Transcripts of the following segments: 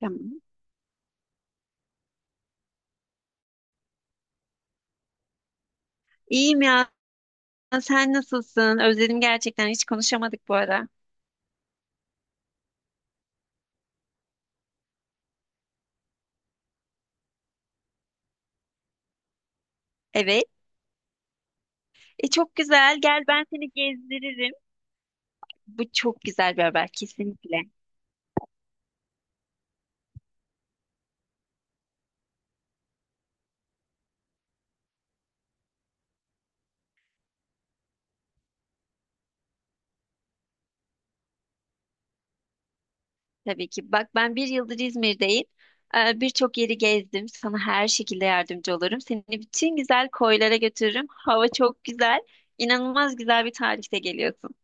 Tamam. İyiyim ya. Sen nasılsın? Özledim gerçekten. Hiç konuşamadık bu ara. Evet. Çok güzel. Gel ben seni gezdiririm. Bu çok güzel bir haber. Kesinlikle. Tabii ki. Bak ben bir yıldır İzmir'deyim. Birçok yeri gezdim. Sana her şekilde yardımcı olurum. Seni bütün güzel koylara götürürüm. Hava çok güzel. İnanılmaz güzel bir tarihte geliyorsun.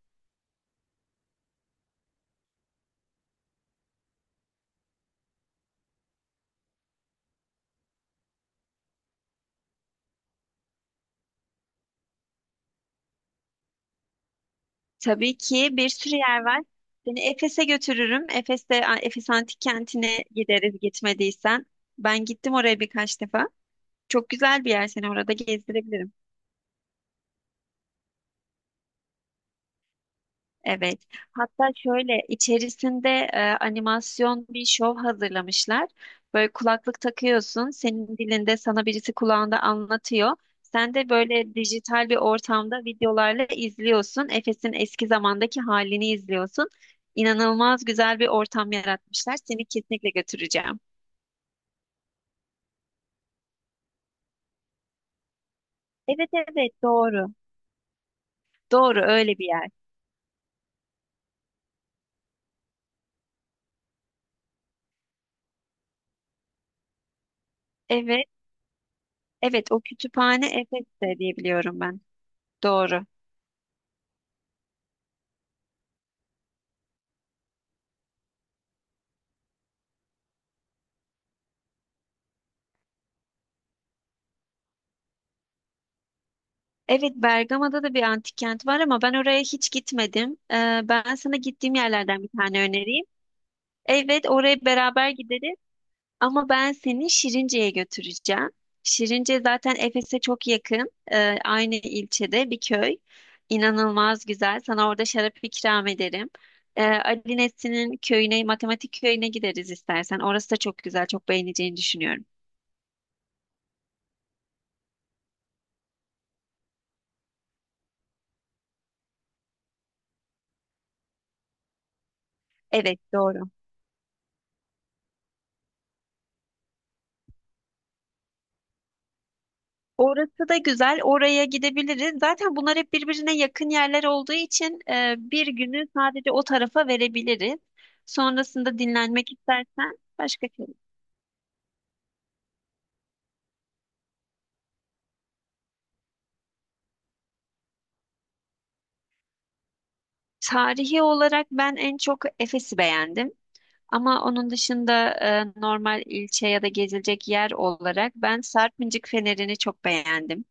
Tabii ki bir sürü yer var. Seni Efes'e götürürüm. Efes'te Efes Antik Kenti'ne gideriz gitmediysen. Ben gittim oraya birkaç defa. Çok güzel bir yer, seni orada gezdirebilirim. Evet. Hatta şöyle içerisinde animasyon bir şov hazırlamışlar. Böyle kulaklık takıyorsun, senin dilinde sana birisi kulağında anlatıyor. Sen de böyle dijital bir ortamda videolarla izliyorsun. Efes'in eski zamandaki halini izliyorsun. İnanılmaz güzel bir ortam yaratmışlar. Seni kesinlikle götüreceğim. Evet evet, doğru. Doğru, öyle bir yer. Evet. Evet, o kütüphane Efes'te diye biliyorum ben. Doğru. Evet, Bergama'da da bir antik kent var ama ben oraya hiç gitmedim. Ben sana gittiğim yerlerden bir tane önereyim. Evet, oraya beraber gideriz ama ben seni Şirince'ye götüreceğim. Şirince zaten Efes'e çok yakın. Aynı ilçede bir köy. İnanılmaz güzel. Sana orada şarap ikram ederim. Ali Nesli'nin köyüne, matematik köyüne gideriz istersen. Orası da çok güzel, çok beğeneceğini düşünüyorum. Evet, doğru. Orası da güzel. Oraya gidebiliriz. Zaten bunlar hep birbirine yakın yerler olduğu için bir günü sadece o tarafa verebiliriz. Sonrasında dinlenmek istersen başka şey. Tarihi olarak ben en çok Efes'i beğendim. Ama onun dışında normal ilçe ya da gezilecek yer olarak ben Sarpıncık Feneri'ni çok beğendim.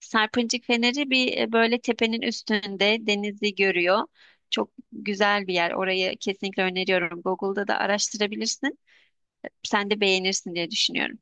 Sarpıncık Feneri böyle tepenin üstünde denizi görüyor. Çok güzel bir yer. Orayı kesinlikle öneriyorum. Google'da da araştırabilirsin. Sen de beğenirsin diye düşünüyorum.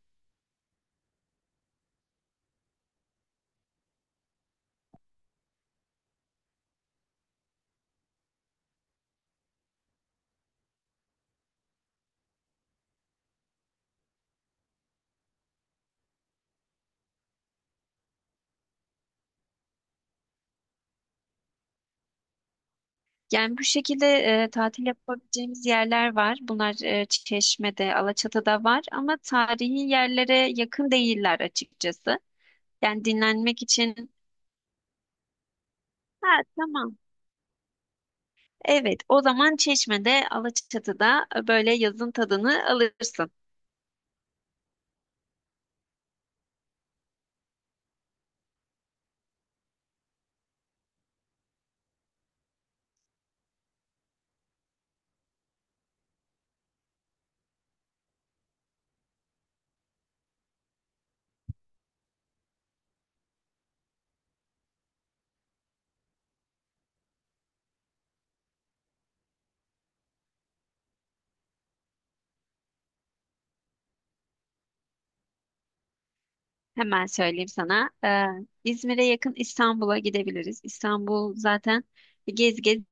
Yani bu şekilde tatil yapabileceğimiz yerler var. Bunlar Çeşme'de, Alaçatı'da var ama tarihi yerlere yakın değiller açıkçası. Yani dinlenmek için. Ha, tamam. Evet, o zaman Çeşme'de, Alaçatı'da böyle yazın tadını alırsın. Hemen söyleyeyim sana. İzmir'e yakın İstanbul'a gidebiliriz. İstanbul zaten gez gez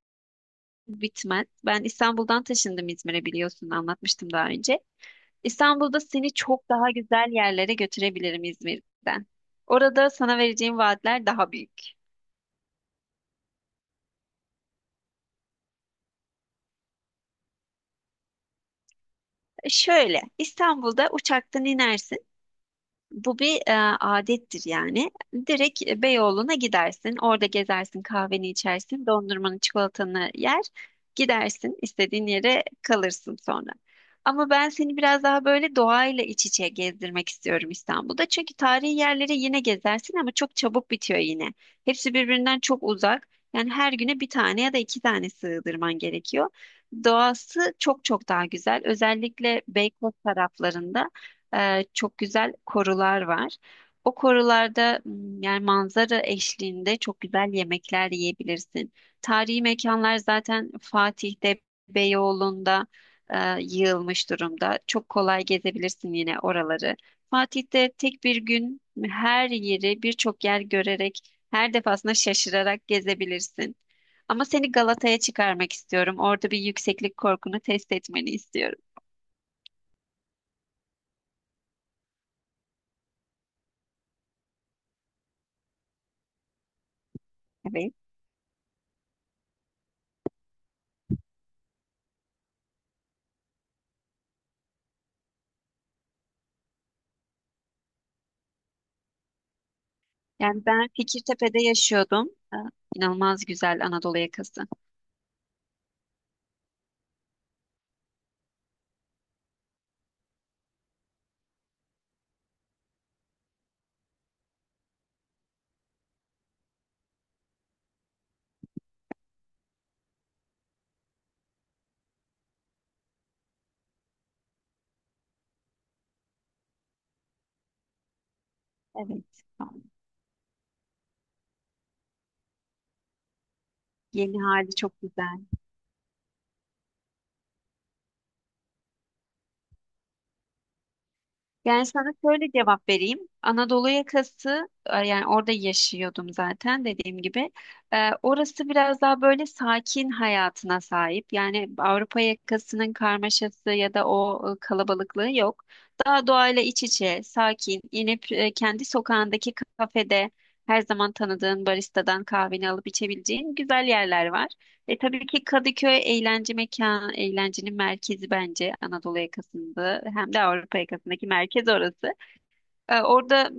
bitmez. Ben İstanbul'dan taşındım İzmir'e, biliyorsun, anlatmıştım daha önce. İstanbul'da seni çok daha güzel yerlere götürebilirim İzmir'den. Orada sana vereceğim vaatler daha büyük. Şöyle, İstanbul'da uçaktan inersin. Bu bir adettir yani. Direkt Beyoğlu'na gidersin. Orada gezersin, kahveni içersin, dondurmanı, çikolatanı yer. Gidersin, istediğin yere kalırsın sonra. Ama ben seni biraz daha böyle doğayla iç içe gezdirmek istiyorum İstanbul'da. Çünkü tarihi yerleri yine gezersin ama çok çabuk bitiyor yine. Hepsi birbirinden çok uzak. Yani her güne bir tane ya da iki tane sığdırman gerekiyor. Doğası çok çok daha güzel. Özellikle Beykoz taraflarında çok güzel korular var. O korularda yani manzara eşliğinde çok güzel yemekler yiyebilirsin. Tarihi mekanlar zaten Fatih'te, Beyoğlu'nda yığılmış durumda. Çok kolay gezebilirsin yine oraları. Fatih'te tek bir gün her yeri, birçok yer görerek, her defasında şaşırarak gezebilirsin. Ama seni Galata'ya çıkarmak istiyorum. Orada bir yükseklik korkunu test etmeni istiyorum. Evet. Yani ben Fikirtepe'de yaşıyordum. Ee, İnanılmaz güzel Anadolu yakası. Evet. Yeni hali çok güzel. Yani sana şöyle cevap vereyim. Anadolu yakası, yani orada yaşıyordum zaten dediğim gibi. Orası biraz daha böyle sakin hayatına sahip. Yani Avrupa yakasının karmaşası ya da o kalabalıklığı yok. Daha doğayla iç içe, sakin, inip kendi sokağındaki kafede her zaman tanıdığın baristadan kahveni alıp içebileceğin güzel yerler var. Tabii ki Kadıköy eğlence mekanı, eğlencenin merkezi, bence Anadolu yakasında hem de Avrupa yakasındaki merkez orası. Orada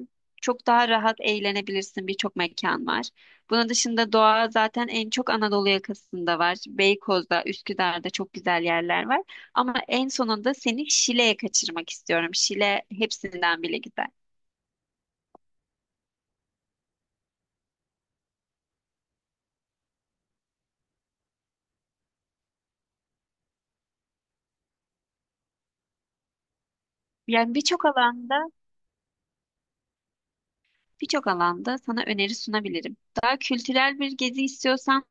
çok daha rahat eğlenebilirsin. Birçok mekan var. Bunun dışında doğa zaten en çok Anadolu yakasında var. Beykoz'da, Üsküdar'da çok güzel yerler var. Ama en sonunda seni Şile'ye kaçırmak istiyorum. Şile hepsinden bile güzel. Yani birçok alanda, birçok alanda sana öneri sunabilirim. Daha kültürel bir gezi istiyorsan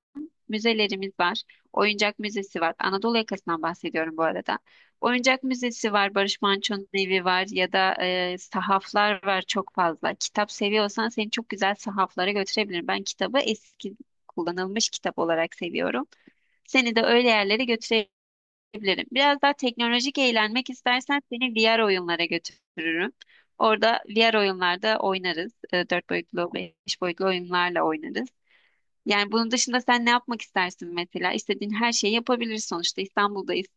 müzelerimiz var. Oyuncak Müzesi var. Anadolu yakasından bahsediyorum bu arada. Oyuncak Müzesi var. Barış Manço'nun evi var. Ya da sahaflar var çok fazla. Kitap seviyorsan seni çok güzel sahaflara götürebilirim. Ben kitabı eski, kullanılmış kitap olarak seviyorum. Seni de öyle yerlere götürebilirim. Biraz daha teknolojik eğlenmek istersen seni VR oyunlara götürürüm. Orada VR oyunlarda oynarız. E, dört boyutlu, beş boyutlu oyunlarla oynarız. Yani bunun dışında sen ne yapmak istersin mesela? İstediğin her şeyi yapabiliriz sonuçta İstanbul'dayız.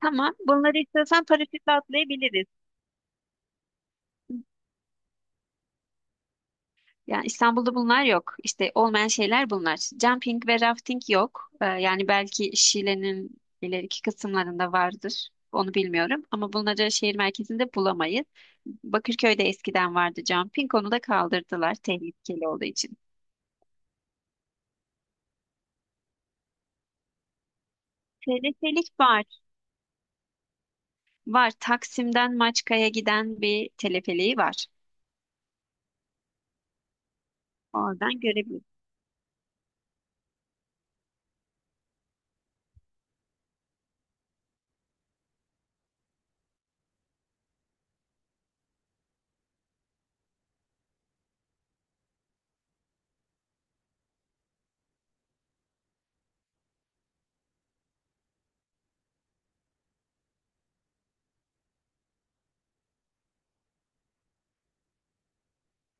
Tamam, bunları istiyorsan paraşütle atlayabiliriz. Yani İstanbul'da bunlar yok. İşte olmayan şeyler bunlar. Jumping ve rafting yok. Yani belki Şile'nin ileriki kısımlarında vardır. Onu bilmiyorum. Ama bunları şehir merkezinde bulamayız. Bakırköy'de eskiden vardı jumping. Onu da kaldırdılar tehlikeli olduğu için. Telefelik var. Var. Taksim'den Maçka'ya giden bir teleferiği var. Oradan görebiliriz.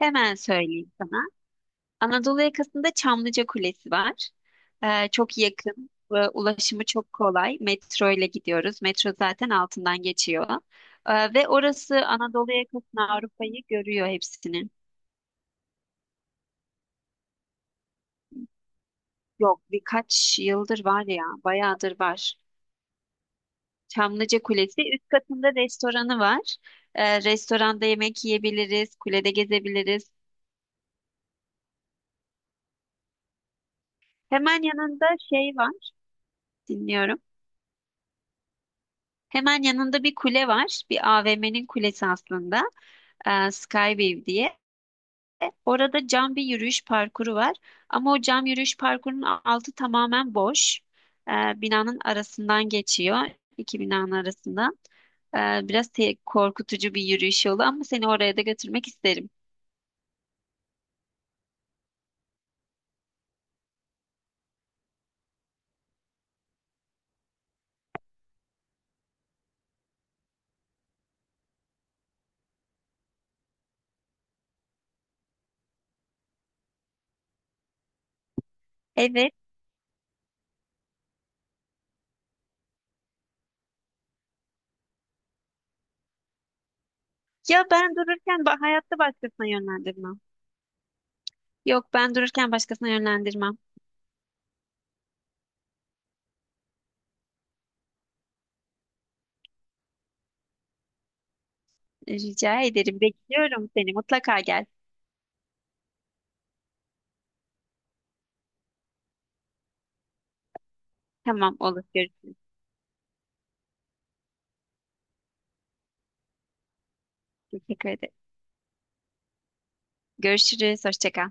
Hemen söyleyeyim sana. Anadolu yakasında Çamlıca Kulesi var. Çok yakın ve ulaşımı çok kolay. Metro ile gidiyoruz. Metro zaten altından geçiyor. Ve orası Anadolu yakasını, Avrupa'yı görüyor, hepsini. Yok, birkaç yıldır var ya, bayağıdır var. Çamlıca Kulesi üst katında restoranı var. Restoranda yemek yiyebiliriz, kulede gezebiliriz. Hemen yanında şey var. Dinliyorum. Hemen yanında bir kule var. Bir AVM'nin kulesi aslında. Skyway diye. Orada cam bir yürüyüş parkuru var. Ama o cam yürüyüş parkurunun altı tamamen boş. Binanın arasından geçiyor. İki binanın arasında. Ee, Biraz korkutucu bir yürüyüş yolu ama seni oraya da götürmek isterim. Evet. Ya, ben dururken hayatta başkasına yönlendirmem. Yok, ben dururken başkasına yönlendirmem. Rica ederim. Bekliyorum seni. Mutlaka gel. Tamam, olur. Görüşürüz. Teşekkür ederim. Görüşürüz. Hoşça kal.